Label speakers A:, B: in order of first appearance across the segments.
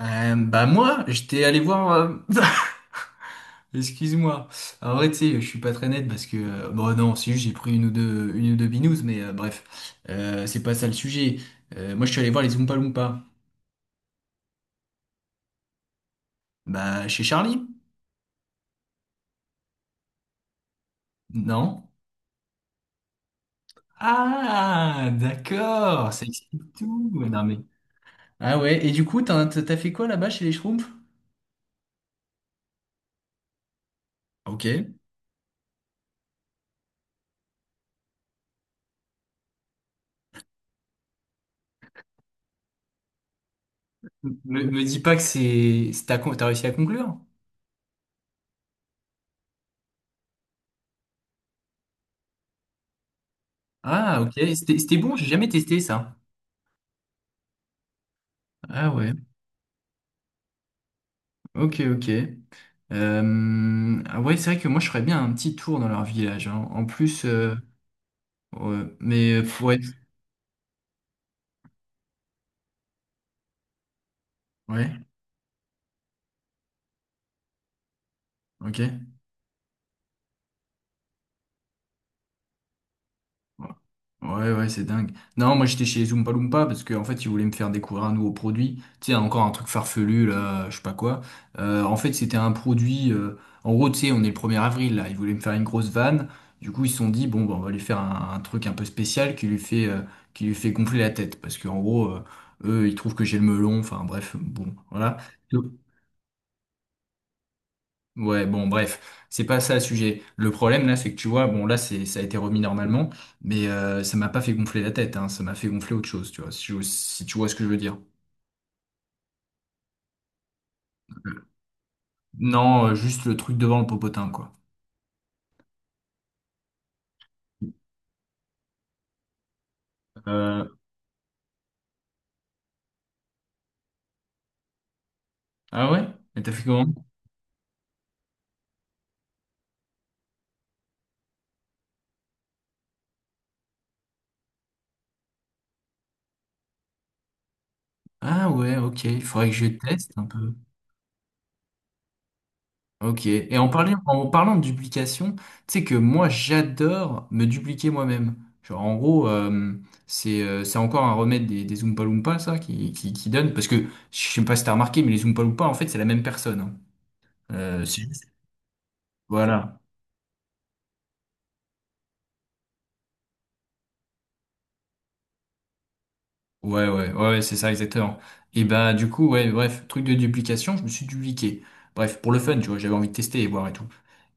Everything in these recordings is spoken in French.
A: Bah moi, j'étais allé voir. Excuse-moi. En vrai, tu sais, je suis pas très net parce que bon non, si j'ai pris une ou deux binous, mais bref, c'est pas ça le sujet. Moi, je suis allé voir les Oompa Loompa. Bah chez Charlie? Non. Ah, d'accord, ça explique tout. Ouais, non mais. Ah ouais. Et du coup, t'as fait quoi là-bas chez les Schtroumpfs? Ok. Me dis pas que t'as réussi à conclure? Ah ok. C'était bon. J'ai jamais testé ça. Ah ouais. Ok, ok. Ah ouais, c'est vrai que moi, je ferais bien un petit tour dans leur village, hein. En plus, ouais, mais ouais, ouais, ok. Ouais, ouais, c'est dingue. Non, moi j'étais chez Zoompa Loompa parce qu'en fait ils voulaient me faire découvrir un nouveau produit. Tu sais, encore un truc farfelu, là, je sais pas quoi. En fait, c'était un produit. En gros, tu sais, on est le 1er avril là. Ils voulaient me faire une grosse vanne. Du coup, ils se sont dit, bon, bah, on va lui faire un truc un peu spécial qui lui fait qui lui fait gonfler la tête. Parce qu'en gros, eux, ils trouvent que j'ai le melon. Enfin, bref, bon, voilà. Ouais, bon, bref, c'est pas ça le sujet. Le problème là, c'est que tu vois, bon là, c'est ça a été remis normalement, mais ça m'a pas fait gonfler la tête, hein, ça m'a fait gonfler autre chose, tu vois, si, tu vois ce que je veux dire. Non, juste le truc devant le popotin, quoi. Euh, ah ouais? Mais t'as fait comment? Ah ouais, ok, il faudrait que je teste un peu. Ok. Et en parlant de duplication, tu sais que moi j'adore me dupliquer moi-même. Genre en gros, c'est encore un remède des Oompa Loompa, ça, qui donne. Parce que je sais pas si t'as remarqué, mais les Oompa Loompa, en fait, c'est la même personne, hein. Euh, c'est juste- Voilà. Ouais, ouais, ouais, ouais, c'est ça, exactement. Et bah du coup, ouais, bref, truc de duplication, je me suis dupliqué. Bref, pour le fun, tu vois, j'avais envie de tester et voir et tout.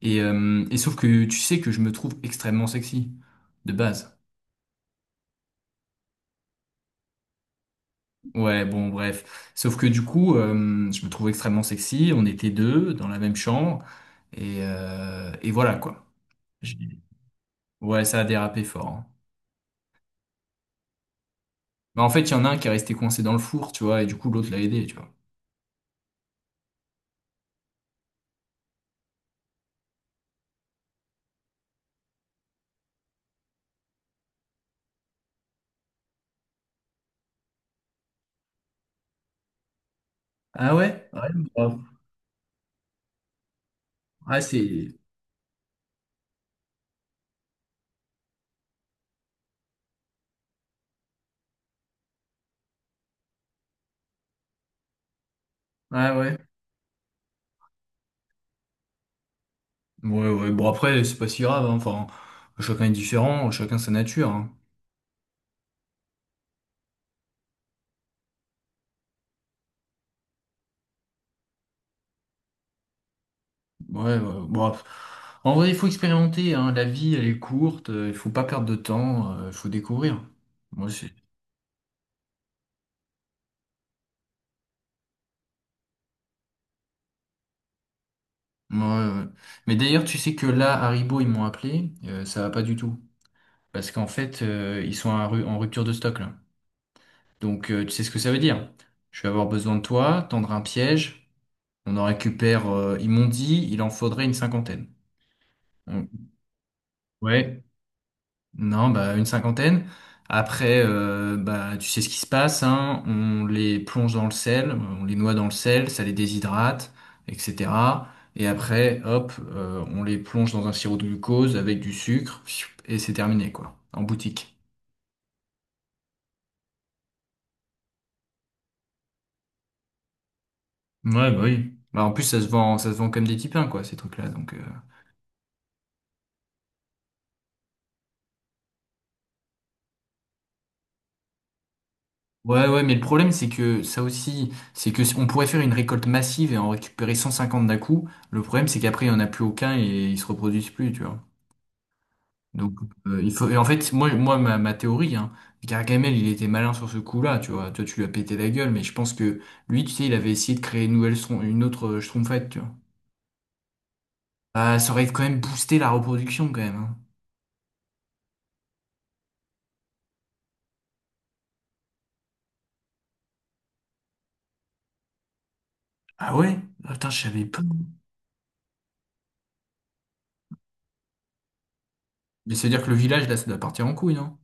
A: Et sauf que tu sais que je me trouve extrêmement sexy, de base. Ouais, bon, bref. Sauf que du coup, je me trouvais extrêmement sexy. On était deux dans la même chambre. Et voilà, quoi. J'ai- Ouais, ça a dérapé fort, hein. Mais en fait, il y en a un qui est resté coincé dans le four, tu vois, et du coup, l'autre l'a aidé, tu vois. Ah ouais? Ouais, bah, ah, c'est... Ah ouais. Ouais, ouais. Bon, après, c'est pas si grave, hein. Enfin, chacun est différent, chacun sa nature, hein. Ouais, ouais. Bon, en vrai, il faut expérimenter, hein. La vie, elle est courte, il faut pas perdre de temps, il faut découvrir. Moi, c'est... Ouais, ouais, ouais. Mais d'ailleurs, tu sais que là, Haribo, ils m'ont appelé, ça va pas du tout. Parce qu'en fait, ils sont en rupture de stock là. Donc, tu sais ce que ça veut dire. Je vais avoir besoin de toi, tendre un piège, on en récupère, ils m'ont dit, il en faudrait une cinquantaine. Donc, ouais. Non, bah une cinquantaine. Après, bah tu sais ce qui se passe, hein. On les plonge dans le sel, on les noie dans le sel, ça les déshydrate, etc. Et après, hop, on les plonge dans un sirop de glucose avec du sucre, pfiou, et c'est terminé, quoi, en boutique. Ouais, bah oui. Bah, en plus, ça se vend comme des tipins, quoi, ces trucs-là. Donc, ouais, ouais, mais le problème, c'est que ça aussi, c'est que on pourrait faire une récolte massive et en récupérer 150 d'un coup. Le problème, c'est qu'après, il n'y en a plus aucun et ils se reproduisent plus, tu vois. Donc, il faut... Et en fait, moi, moi ma théorie, hein, Gargamel, il était malin sur ce coup-là, tu vois. Toi, tu lui as pété la gueule, mais je pense que lui, tu sais, il avait essayé de créer une autre Schtroumpfette, tu vois. Ah, ça aurait quand même boosté la reproduction, quand même, hein. Ah ouais? Ah, putain, je savais pas. Mais ça veut dire que le village, là, ça doit partir en couille, hein.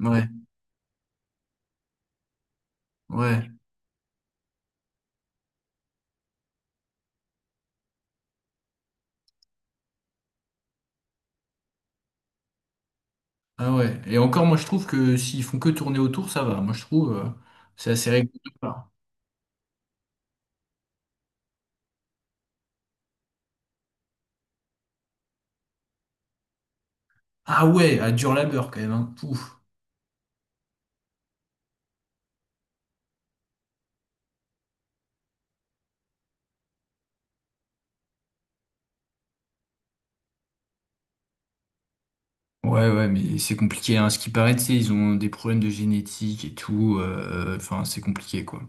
A: Ouais, ouais. Ah ouais. Et encore, moi, je trouve que s'ils font que tourner autour, ça va. Moi, je trouve, c'est assez régulier. Ah ouais, à dur labeur, quand même, hein. Pouf. Ouais, ouais, mais c'est compliqué, hein. Ce qui paraît, tu sais, ils ont des problèmes de génétique et tout. Enfin, c'est compliqué, quoi.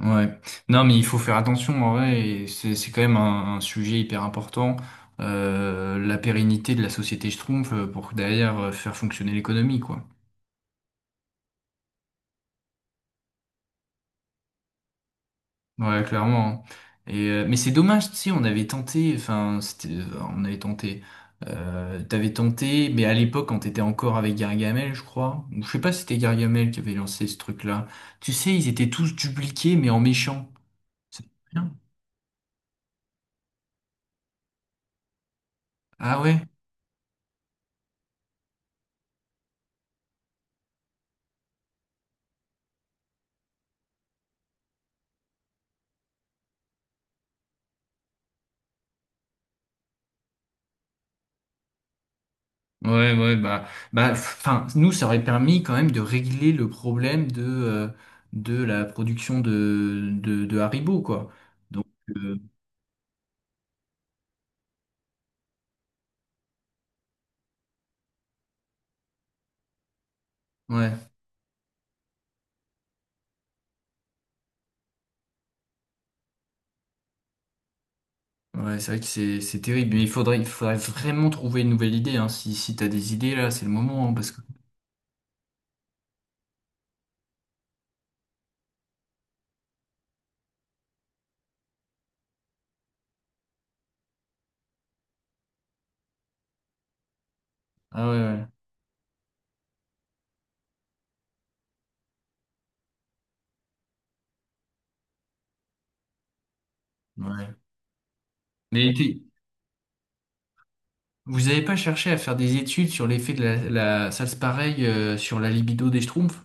A: Ouais. Non, mais il faut faire attention, en vrai. Et c'est quand même un sujet hyper important. La pérennité de la société schtroumpf pour derrière faire fonctionner l'économie, quoi. Ouais, clairement, hein. Mais c'est dommage, tu sais, on avait tenté, enfin, c'était, on avait tenté, t'avais tenté, mais à l'époque, quand t'étais encore avec Gargamel, je crois, ou je sais pas si c'était Gargamel qui avait lancé ce truc-là. Tu sais, ils étaient tous dupliqués, mais en méchant. C'est bien. Ah ouais? Ouais, ouais, enfin, nous, ça aurait permis quand même de régler le problème de la production de Haribo, quoi. Donc, euh, ouais. Ouais, c'est vrai que c'est terrible, mais il faudrait vraiment trouver une nouvelle idée, hein. Si t'as des idées, là, c'est le moment, hein, parce que... Ah ouais, ouais. Ouais. Mais t'es- Vous avez pas cherché à faire des études sur l'effet de la... Ça se pareil sur la libido des schtroumpfs?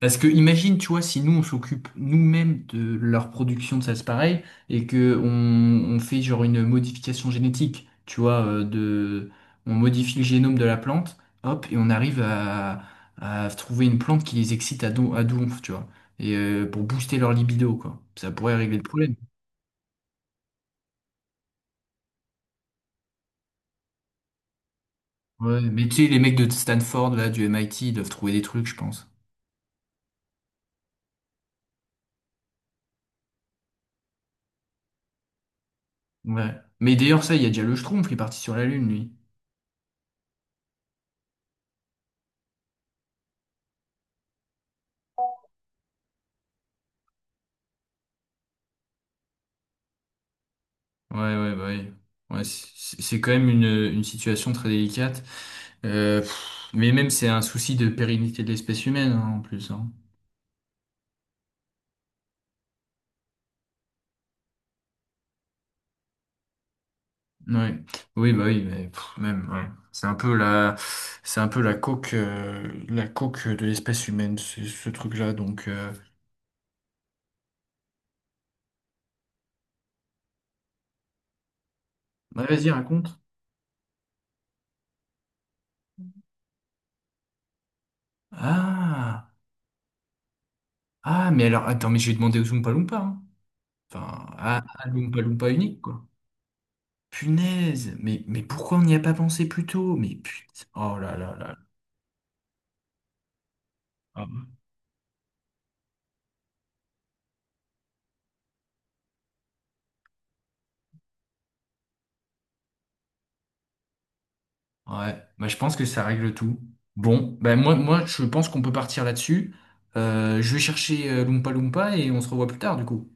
A: Parce que imagine, tu vois, si nous on s'occupe nous-mêmes de leur production de salse pareille et que on fait genre une modification génétique, tu vois, on modifie le génome de la plante, hop, et on arrive à trouver une plante qui les excite à donf, tu vois, et pour booster leur libido, quoi. Ça pourrait régler le problème. Ouais, mais tu sais, les mecs de Stanford, là, du MIT, ils doivent trouver des trucs, je pense. Ouais. Mais d'ailleurs, ça, il y a déjà le Schtroumpf qui est parti sur la Lune, lui. Ouais, ouais, bah oui. Ouais, c'est quand même une situation très délicate. Pff, mais même, c'est un souci de pérennité de l'espèce humaine, hein, en plus, hein. Ouais. Oui, bah oui, mais pff, même, ouais. C'est un peu la coque de l'espèce humaine, ce truc-là. Donc, Bah, vas-y, raconte. Ah, ah, mais alors, attends, mais j'ai demandé aux Oompa Loompa, hein. Enfin, à l'Oompa Loompa unique, quoi. Punaise, mais pourquoi on n'y a pas pensé plus tôt? Mais putain, oh là là là. Ouais, bah, je pense que ça règle tout. Bon, ben moi je pense qu'on peut partir là-dessus. Je vais chercher Loompa Loompa et on se revoit plus tard du coup.